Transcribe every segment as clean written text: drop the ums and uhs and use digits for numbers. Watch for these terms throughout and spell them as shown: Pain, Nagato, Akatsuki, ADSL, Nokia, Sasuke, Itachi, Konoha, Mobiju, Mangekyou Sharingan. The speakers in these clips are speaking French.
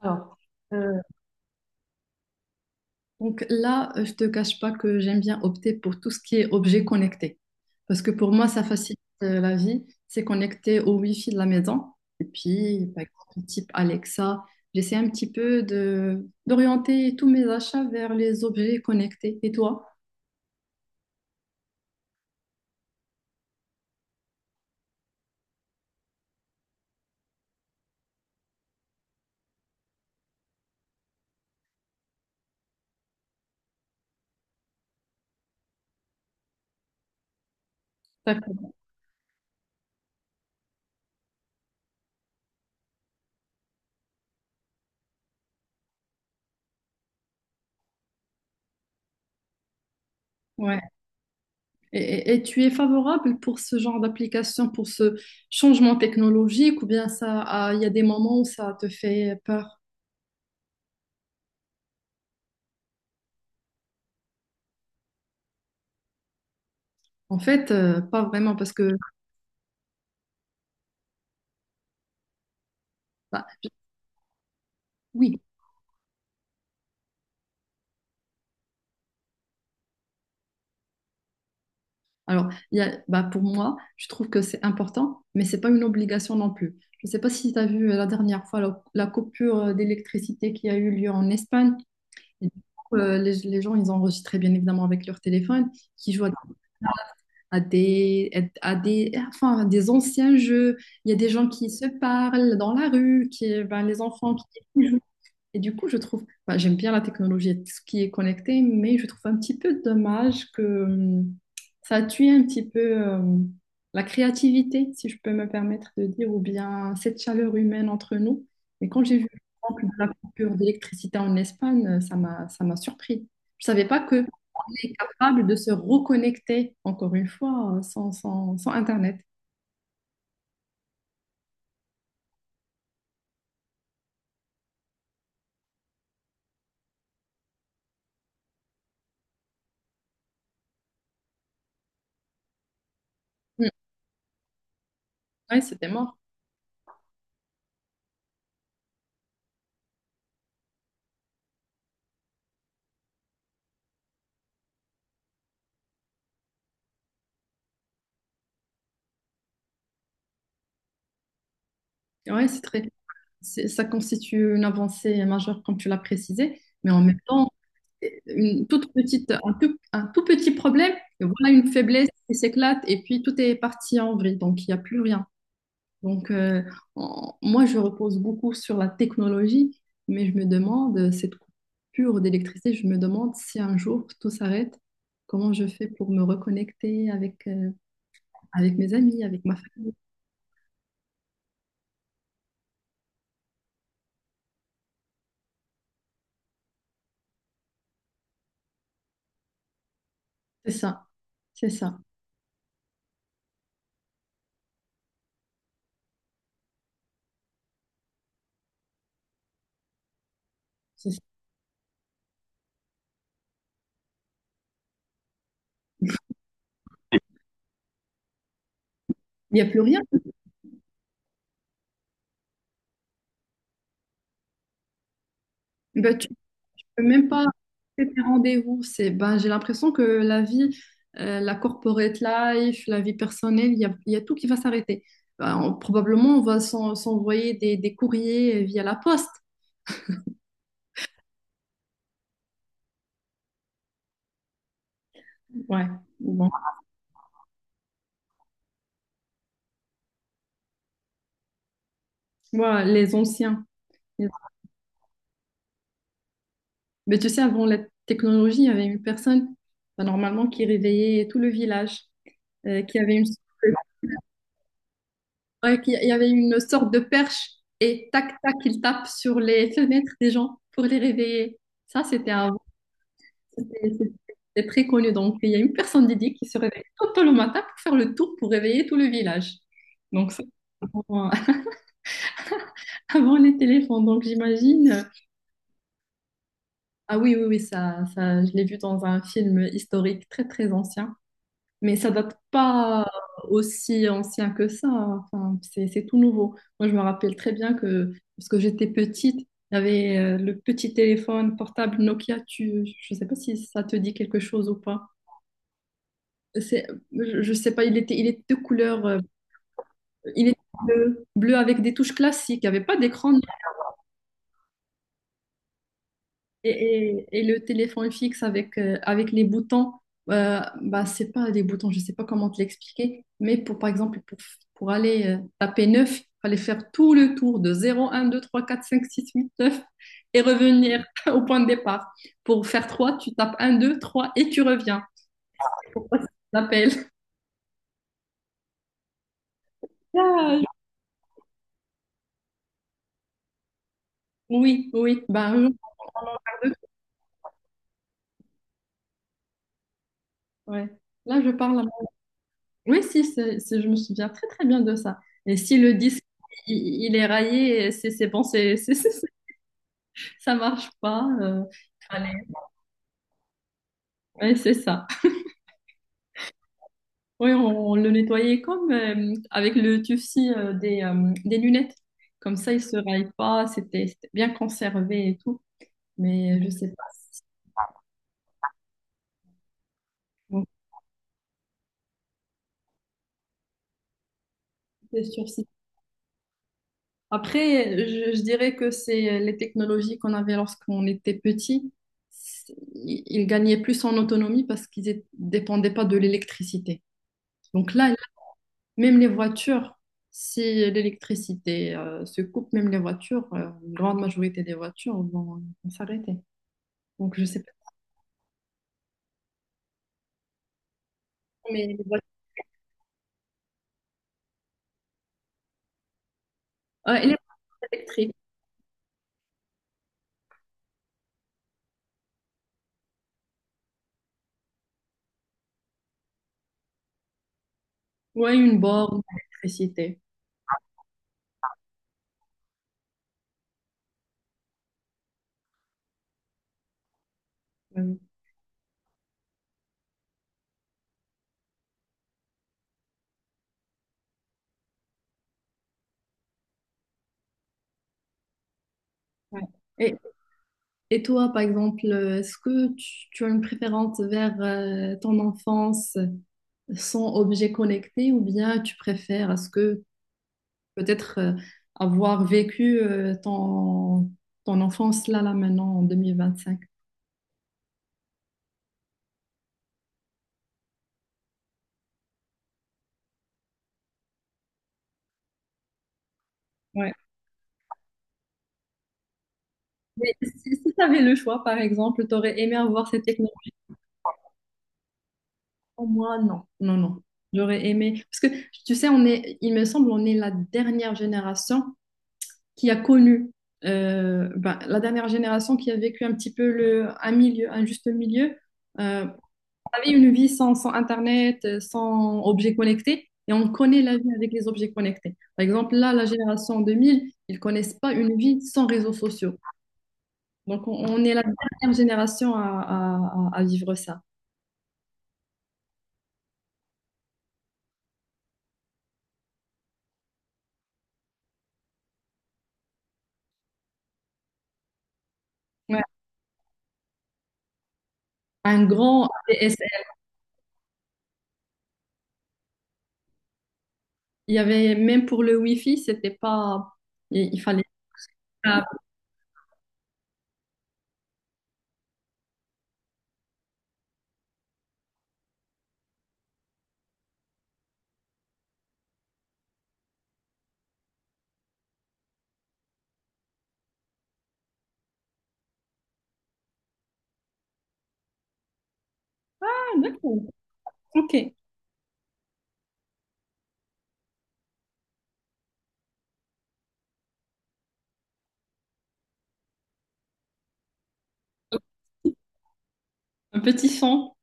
Alors, euh, donc là, je te cache pas que j'aime bien opter pour tout ce qui est objet connecté. Parce que pour moi, ça facilite la vie. C'est connecté au Wi-Fi de la maison. Et puis, par exemple, type Alexa, j'essaie un petit peu de d'orienter tous mes achats vers les objets connectés. Et toi? D'accord. Ouais. Et, et tu es favorable pour ce genre d'application, pour ce changement technologique, ou bien ça, ah, il y a des moments où ça te fait peur? En fait, pas vraiment, parce que. Bah, oui, alors il y a, bah, pour moi, je trouve que c'est important, mais c'est pas une obligation non plus. Je ne sais pas si tu as vu la dernière fois la coupure d'électricité qui a eu lieu en Espagne. Et du coup, les gens, ils enregistraient bien évidemment avec leur téléphone, qui jouent à des, enfin, à des anciens jeux. Il y a des gens qui se parlent dans la rue, qui, ben, les enfants qui. Et du coup, je trouve, enfin, j'aime bien la technologie, et tout ce qui est connecté, mais je trouve un petit peu dommage que ça tue un petit peu la créativité, si je peux me permettre de dire, ou bien cette chaleur humaine entre nous. Mais quand j'ai vu le manque de la coupure d'électricité en Espagne, ça m'a surpris. Je savais pas qu'on est capable de se reconnecter, encore une fois, sans Internet. Mm. Ouais, c'était mort. Ouais, c'est très. Ça constitue une avancée majeure, comme tu l'as précisé, mais en même temps, c'est une toute petite, un tout petit problème, et voilà une faiblesse qui s'éclate, et puis tout est parti en vrille, donc il n'y a plus rien. Donc, moi, je repose beaucoup sur la technologie, mais je me demande, cette coupure d'électricité, je me demande si un jour tout s'arrête, comment je fais pour me reconnecter avec, avec mes amis, avec ma famille. C'est ça, c'est ça, c'est ça. Il n'y a plus rien. Ben, tu Même pas c'est un rendez-vous. Ben, j'ai l'impression que la vie, la corporate life, la vie personnelle, il y a tout qui va s'arrêter. Ben, probablement, on va s'envoyer des courriers via la poste. Ouais, bon. Moi, les anciens. Mais tu sais, avant la technologie, il y avait une personne, ben, normalement, qui réveillait tout le village, qui avait une sorte de, ouais, il y avait une sorte de perche et tac, tac, il tape sur les fenêtres des gens pour les réveiller. Ça, c'était un. C'est c'est- c'est très connu. Donc, il y a une personne dédiée qui se réveille trop tôt le matin pour faire le tour, pour réveiller tout le village. Donc, ça, avant, avant les téléphones. Donc, j'imagine. Ah oui, oui, oui, ça, je l'ai vu dans un film historique très, très ancien. Mais ça date pas aussi ancien que ça. Enfin, c'est tout nouveau. Moi, je me rappelle très bien que, parce que j'étais petite, il y avait le petit téléphone portable Nokia. Tu, je sais pas si ça te dit quelque chose ou pas. C'est, je sais pas, il était de couleur, il était bleu, bleu avec des touches classiques, il n'y avait pas d'écran et, et le téléphone fixe avec, avec les boutons. Bah, c'est pas des boutons, je sais pas comment te l'expliquer, mais pour, par exemple, pour aller taper neuf, il fallait faire tout le tour de zéro un deux trois quatre cinq six huit neuf et revenir au point de départ. Pour faire trois, tu tapes un 2 3 et tu reviens. Pourquoi ça s'appelle? Ah, oui, oui, bah, parle de- ouais. Là, je parle. Oui, si, je me souviens très très bien de ça. Et si le disque il est raillé, c'est bon, c'est, c'est- ça marche pas. Allez, ouais, c'est ça. Oui, on le nettoyait comme avec le tufci des lunettes. Comme ça, il se raille pas. C'était bien conservé et tout. Mais je sais pas. Donc, c'est sûr si. Après, je dirais que c'est les technologies qu'on avait lorsqu'on était petit. C'est. Ils gagnaient plus en autonomie parce qu'ils dépendaient pas de l'électricité. Donc là, même les voitures, si l'électricité se coupe, même les voitures, une grande majorité des voitures vont s'arrêter. Donc je sais pas, mais les voitures. Ouais, et les voitures électriques. Ouais, une borne d'électricité. Euh, ouais. Et, et toi, par exemple, est-ce que tu as une préférence vers ton enfance? Sans objet connecté ou bien tu préfères, est-ce que peut-être avoir vécu ton enfance là maintenant en 2025? Ouais. Mais si tu avais le choix, par exemple, tu aurais aimé avoir cette technologie? Moi, non, non, non. J'aurais aimé. Parce que tu sais, on est, il me semble, on est la dernière génération qui a connu, ben, la dernière génération qui a vécu un petit peu un milieu, un juste milieu. Euh, avait une vie sans Internet, sans objets connectés, et on connaît la vie avec les objets connectés. Par exemple, là, la génération 2000, ils ne connaissent pas une vie sans réseaux sociaux. Donc, on est la dernière génération à, à vivre ça. Ouais. Un grand ADSL. Il y avait, même pour le Wi-Fi, c'était pas. Il fallait. Ah, d'accord. OK. Un petit son.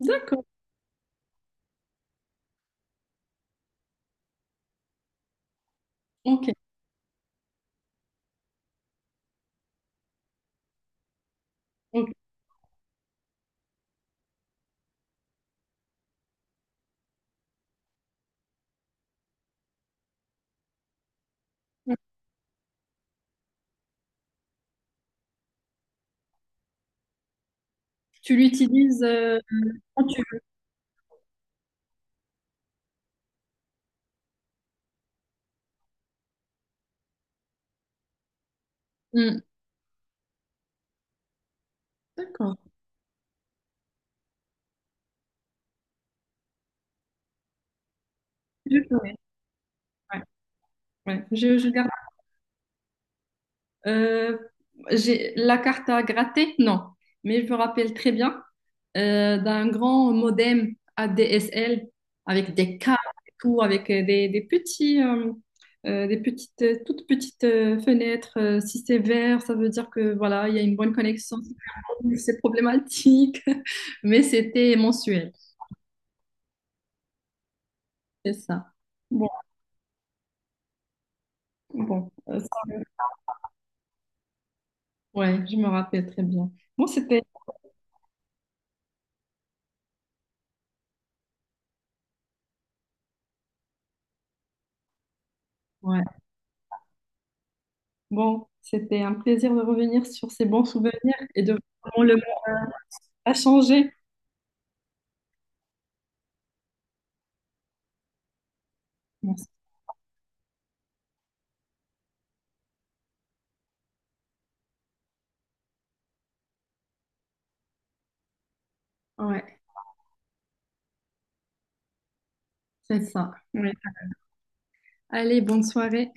D'accord. OK. OK. Tu l'utilises quand tu veux. Hmm. D'accord. Je connais. Ouais. Ouais. Je garde. Euh, j'ai la carte à gratter, non, mais je me rappelle très bien d'un grand modem ADSL avec des câbles et tout, avec des petits, toutes petites fenêtres. Si c'est vert, ça veut dire que voilà, il y a une bonne connexion. Si c'est rouge, c'est problématique, mais c'était mensuel, c'est ça. Bon, bon, ça, ouais, je me rappelle très bien. Bon, c'était, ouais. Bon, c'était un plaisir de revenir sur ces bons souvenirs et de voir comment le monde a changé. Bon. Ouais, c'est ça. Ouais. Allez, bonne soirée.